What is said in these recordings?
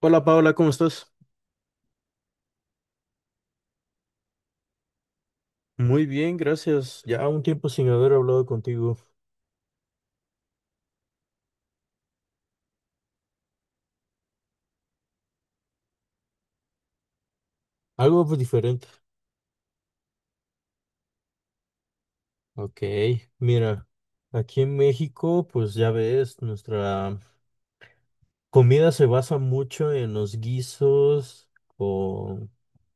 Hola Paola, ¿cómo estás? Muy bien, gracias. Ya un tiempo sin haber hablado contigo. Algo pues, diferente. Ok, mira, aquí en México, pues ya ves, nuestra comida se basa mucho en los guisos, con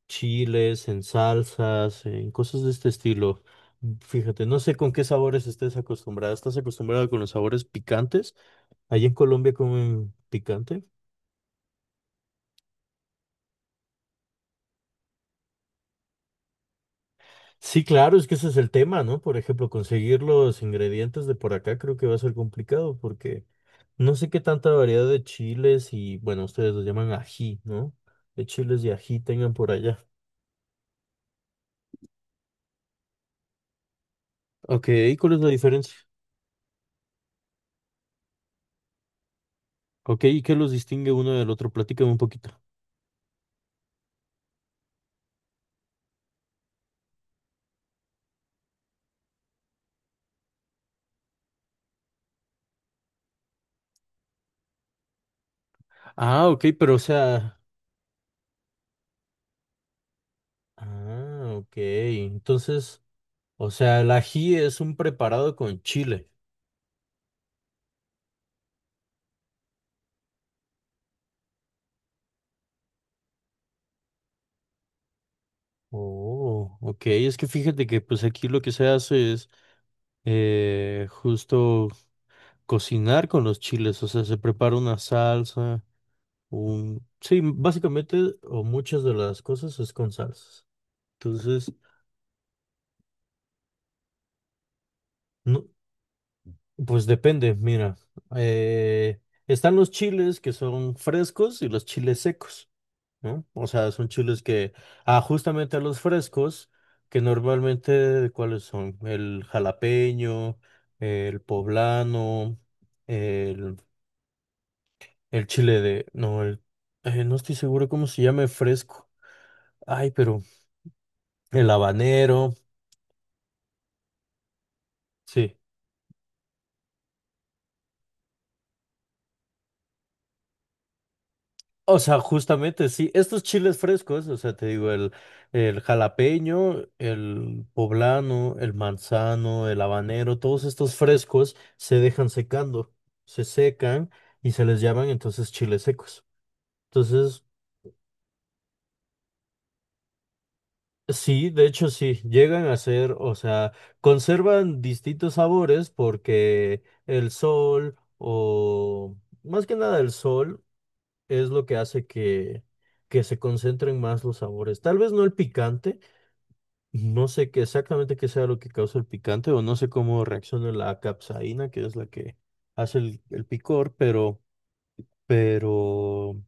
chiles, en salsas, en cosas de este estilo. Fíjate, no sé con qué sabores estés acostumbrada. ¿Estás acostumbrada con los sabores picantes? ¿Allí en Colombia comen picante? Sí, claro, es que ese es el tema, ¿no? Por ejemplo, conseguir los ingredientes de por acá creo que va a ser complicado porque no sé qué tanta variedad de chiles y, bueno, ustedes los llaman ají, ¿no? De chiles y ají tengan por allá. Ok, ¿y cuál es la diferencia? Ok, ¿y qué los distingue uno del otro? Platícame un poquito. Ah, ok, pero o sea... Ah, ok, entonces, o sea, el ají es un preparado con chile. Oh, ok, es que fíjate que pues aquí lo que se hace es justo cocinar con los chiles, o sea, se prepara una salsa, un... Sí, básicamente, o muchas de las cosas es con salsas. Entonces, no, pues depende, mira, eh, están los chiles que son frescos y los chiles secos, ¿no? O sea, son chiles que, ah, justamente a los frescos, que normalmente, ¿cuáles son? El jalapeño, el poblano, el chile de, no, el, no estoy seguro cómo se llame fresco. Ay, pero el habanero, sí. O sea, justamente, sí, estos chiles frescos, o sea, te digo, el jalapeño, el poblano, el manzano, el habanero, todos estos frescos se dejan secando, se secan y se les llaman entonces chiles secos. Entonces, sí, de hecho sí, llegan a ser, o sea, conservan distintos sabores porque el sol o más que nada el sol es lo que hace que se concentren más los sabores. Tal vez no el picante, no sé qué exactamente qué sea lo que causa el picante o no sé cómo reacciona la capsaína, que es la que hace el picor, pero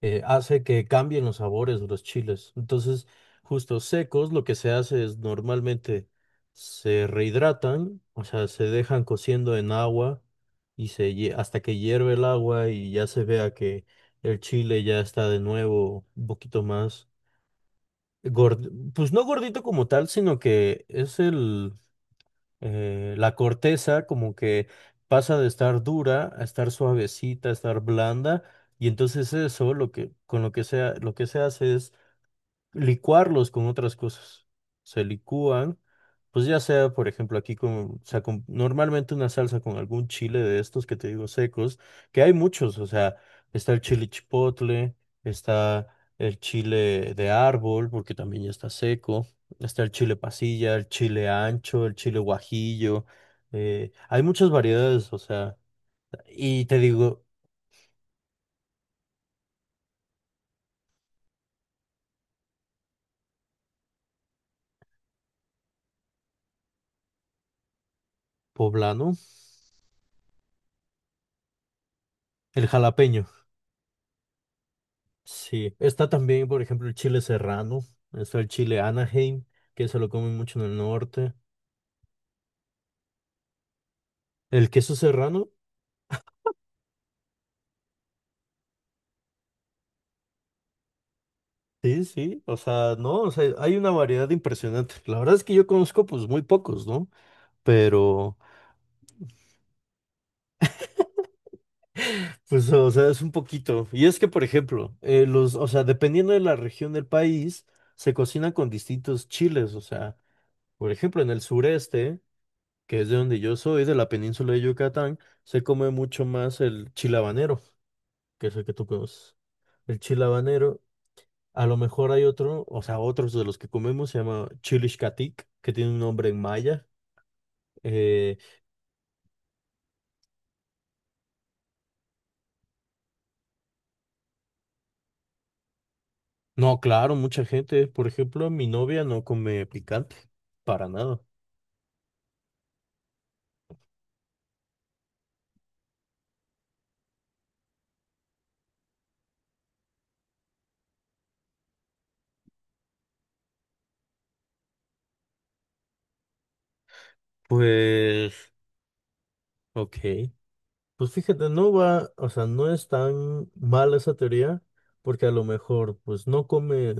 hace que cambien los sabores de los chiles. Entonces, justo secos, lo que se hace es normalmente se rehidratan, o sea, se dejan cociendo en agua y hasta que hierve el agua y ya se vea que el chile ya está de nuevo un poquito más pues no gordito como tal, sino que es el la corteza como que pasa de estar dura a estar suavecita, a estar blanda, y entonces eso lo que con lo que sea, lo que se hace es licuarlos con otras cosas. Se licúan, pues ya sea, por ejemplo, aquí con, o sea, con- normalmente una salsa con algún chile de estos que te digo secos, que hay muchos, o sea, está el chile chipotle, está el chile de árbol, porque también ya está seco, está el chile pasilla, el chile ancho, el chile guajillo, hay muchas variedades, o sea, y te digo, poblano, el jalapeño. Sí, está también, por ejemplo, el chile serrano, está el chile Anaheim, que se lo comen mucho en el norte. El queso serrano, sí, sí, o sea, no, o sea, hay una variedad impresionante. La verdad es que yo conozco pues muy pocos, ¿no? Pero, pues, o sea, es un poquito. Y es que, por ejemplo, los, o sea, dependiendo de la región del país, se cocinan con distintos chiles, o sea, por ejemplo, en el sureste, que es de donde yo soy, de la península de Yucatán, se come mucho más el chile habanero, que es el que tú conoces. El chile habanero, a lo mejor hay otro, o sea, otros de los que comemos, se llama Xcatlic, que tiene un nombre en maya. Eh, no, claro, mucha gente, por ejemplo, mi novia no come picante, para nada. Pues, ok. Pues fíjate, no va, o sea, no es tan mala esa teoría, porque a lo mejor, pues, no comes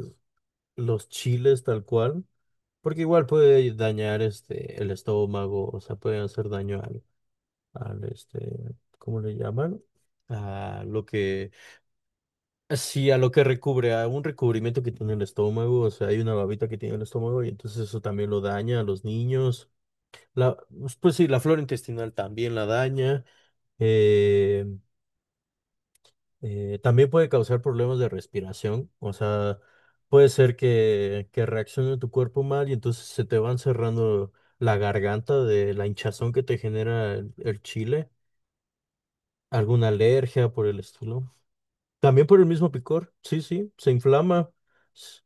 los chiles tal cual, porque igual puede dañar, este, el estómago, o sea, puede hacer daño a al este, ¿cómo le llaman? A lo que, sí, a lo que recubre, a un recubrimiento que tiene el estómago, o sea, hay una babita que tiene el estómago y entonces eso también lo daña a los niños. La, pues sí, la flora intestinal también la daña. eh, también puede causar problemas de respiración, o sea, puede ser que reaccione tu cuerpo mal y entonces se te van cerrando la garganta de la hinchazón que te genera el chile, alguna alergia por el estilo. También por el mismo picor, sí, sí, se inflama. S-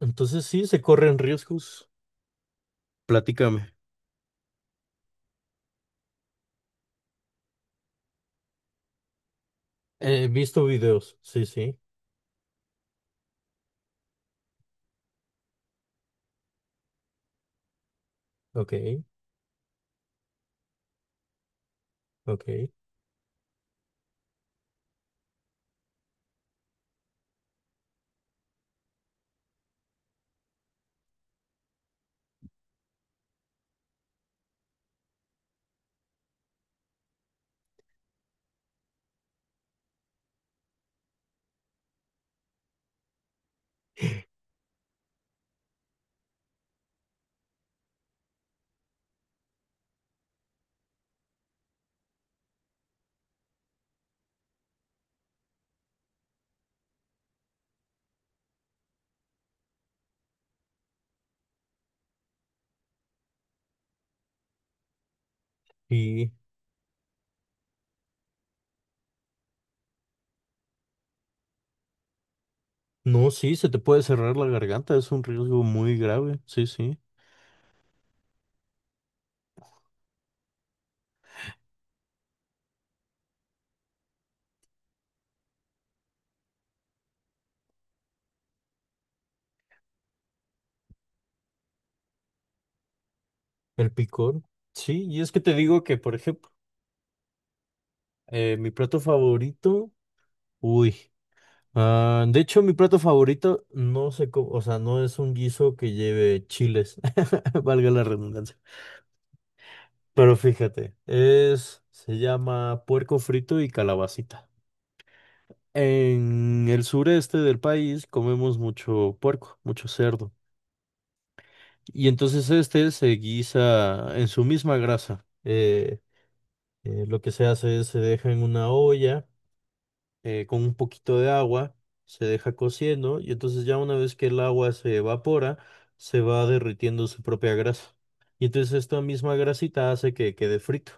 Entonces sí, se corren riesgos. Platícame. He visto videos, sí, sí, ok, ok. Y no, sí, se te puede cerrar la garganta, es un riesgo muy grave, sí, sí. El picor, sí, y es que te digo que, por ejemplo, mi plato favorito, uy, ah, de hecho, mi plato favorito no sé cómo, o sea, no es un guiso que lleve chiles, valga la redundancia. Pero fíjate, es, se llama puerco frito y calabacita. En el sureste del país comemos mucho puerco, mucho cerdo. Y entonces este se guisa en su misma grasa. Lo que se hace es se deja en una olla con un poquito de agua, se deja cociendo y entonces ya una vez que el agua se evapora, se va derritiendo su propia grasa. Y entonces esta misma grasita hace que quede frito.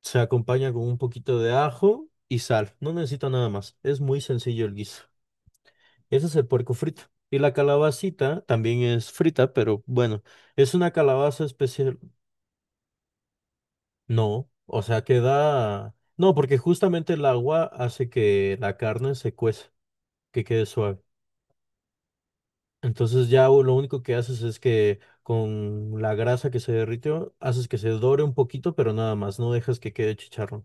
Se acompaña con un poquito de ajo y sal. No necesita nada más. Es muy sencillo el guiso. Ese es el puerco frito. Y la calabacita también es frita, pero bueno, es una calabaza especial. No, o sea, queda... No, porque justamente el agua hace que la carne se cueza, que quede suave. Entonces ya lo único que haces es que con la grasa que se derritió, haces que se dore un poquito, pero nada más, no dejas que quede chicharrón.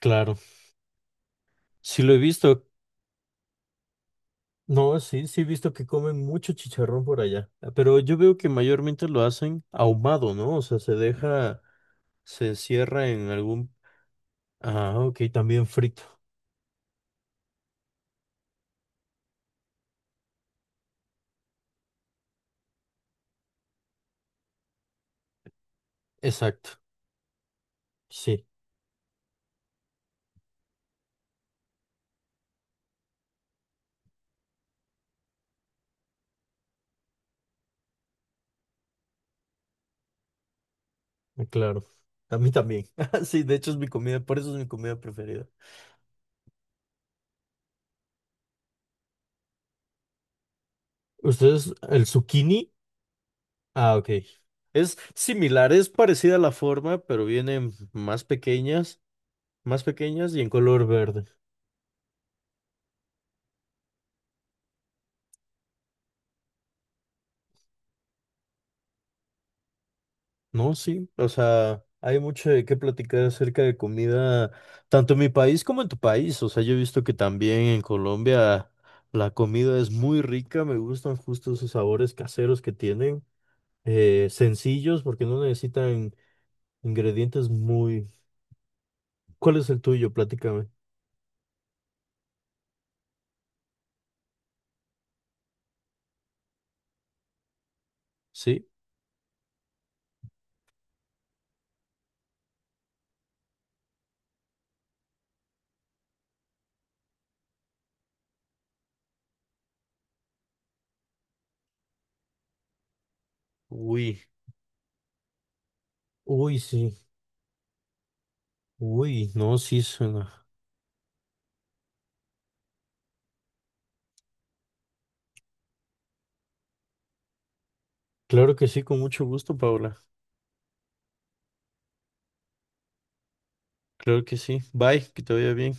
Claro, sí lo he visto. No, sí, sí he visto que comen mucho chicharrón por allá, ah, pero yo veo que mayormente lo hacen ahumado, ¿no? O sea, se deja, se cierra en algún... Ah, ok, también frito. Exacto, sí, ah, claro. A mí también. Ah, sí, de hecho es mi comida, por eso es mi comida preferida. ¿Ustedes, el zucchini? Ah, ok. Es similar, es parecida a la forma, pero vienen más pequeñas y en color verde. No, sí, o sea, hay mucho de qué platicar acerca de comida, tanto en mi país como en tu país. O sea, yo he visto que también en Colombia la comida es muy rica, me gustan justo esos sabores caseros que tienen, sencillos porque no necesitan ingredientes muy... ¿Cuál es el tuyo? Platícame. ¿Sí? Uy, uy, sí, uy, no, sí suena. Claro que sí, con mucho gusto, Paula. Claro que sí. Bye, que te vaya bien.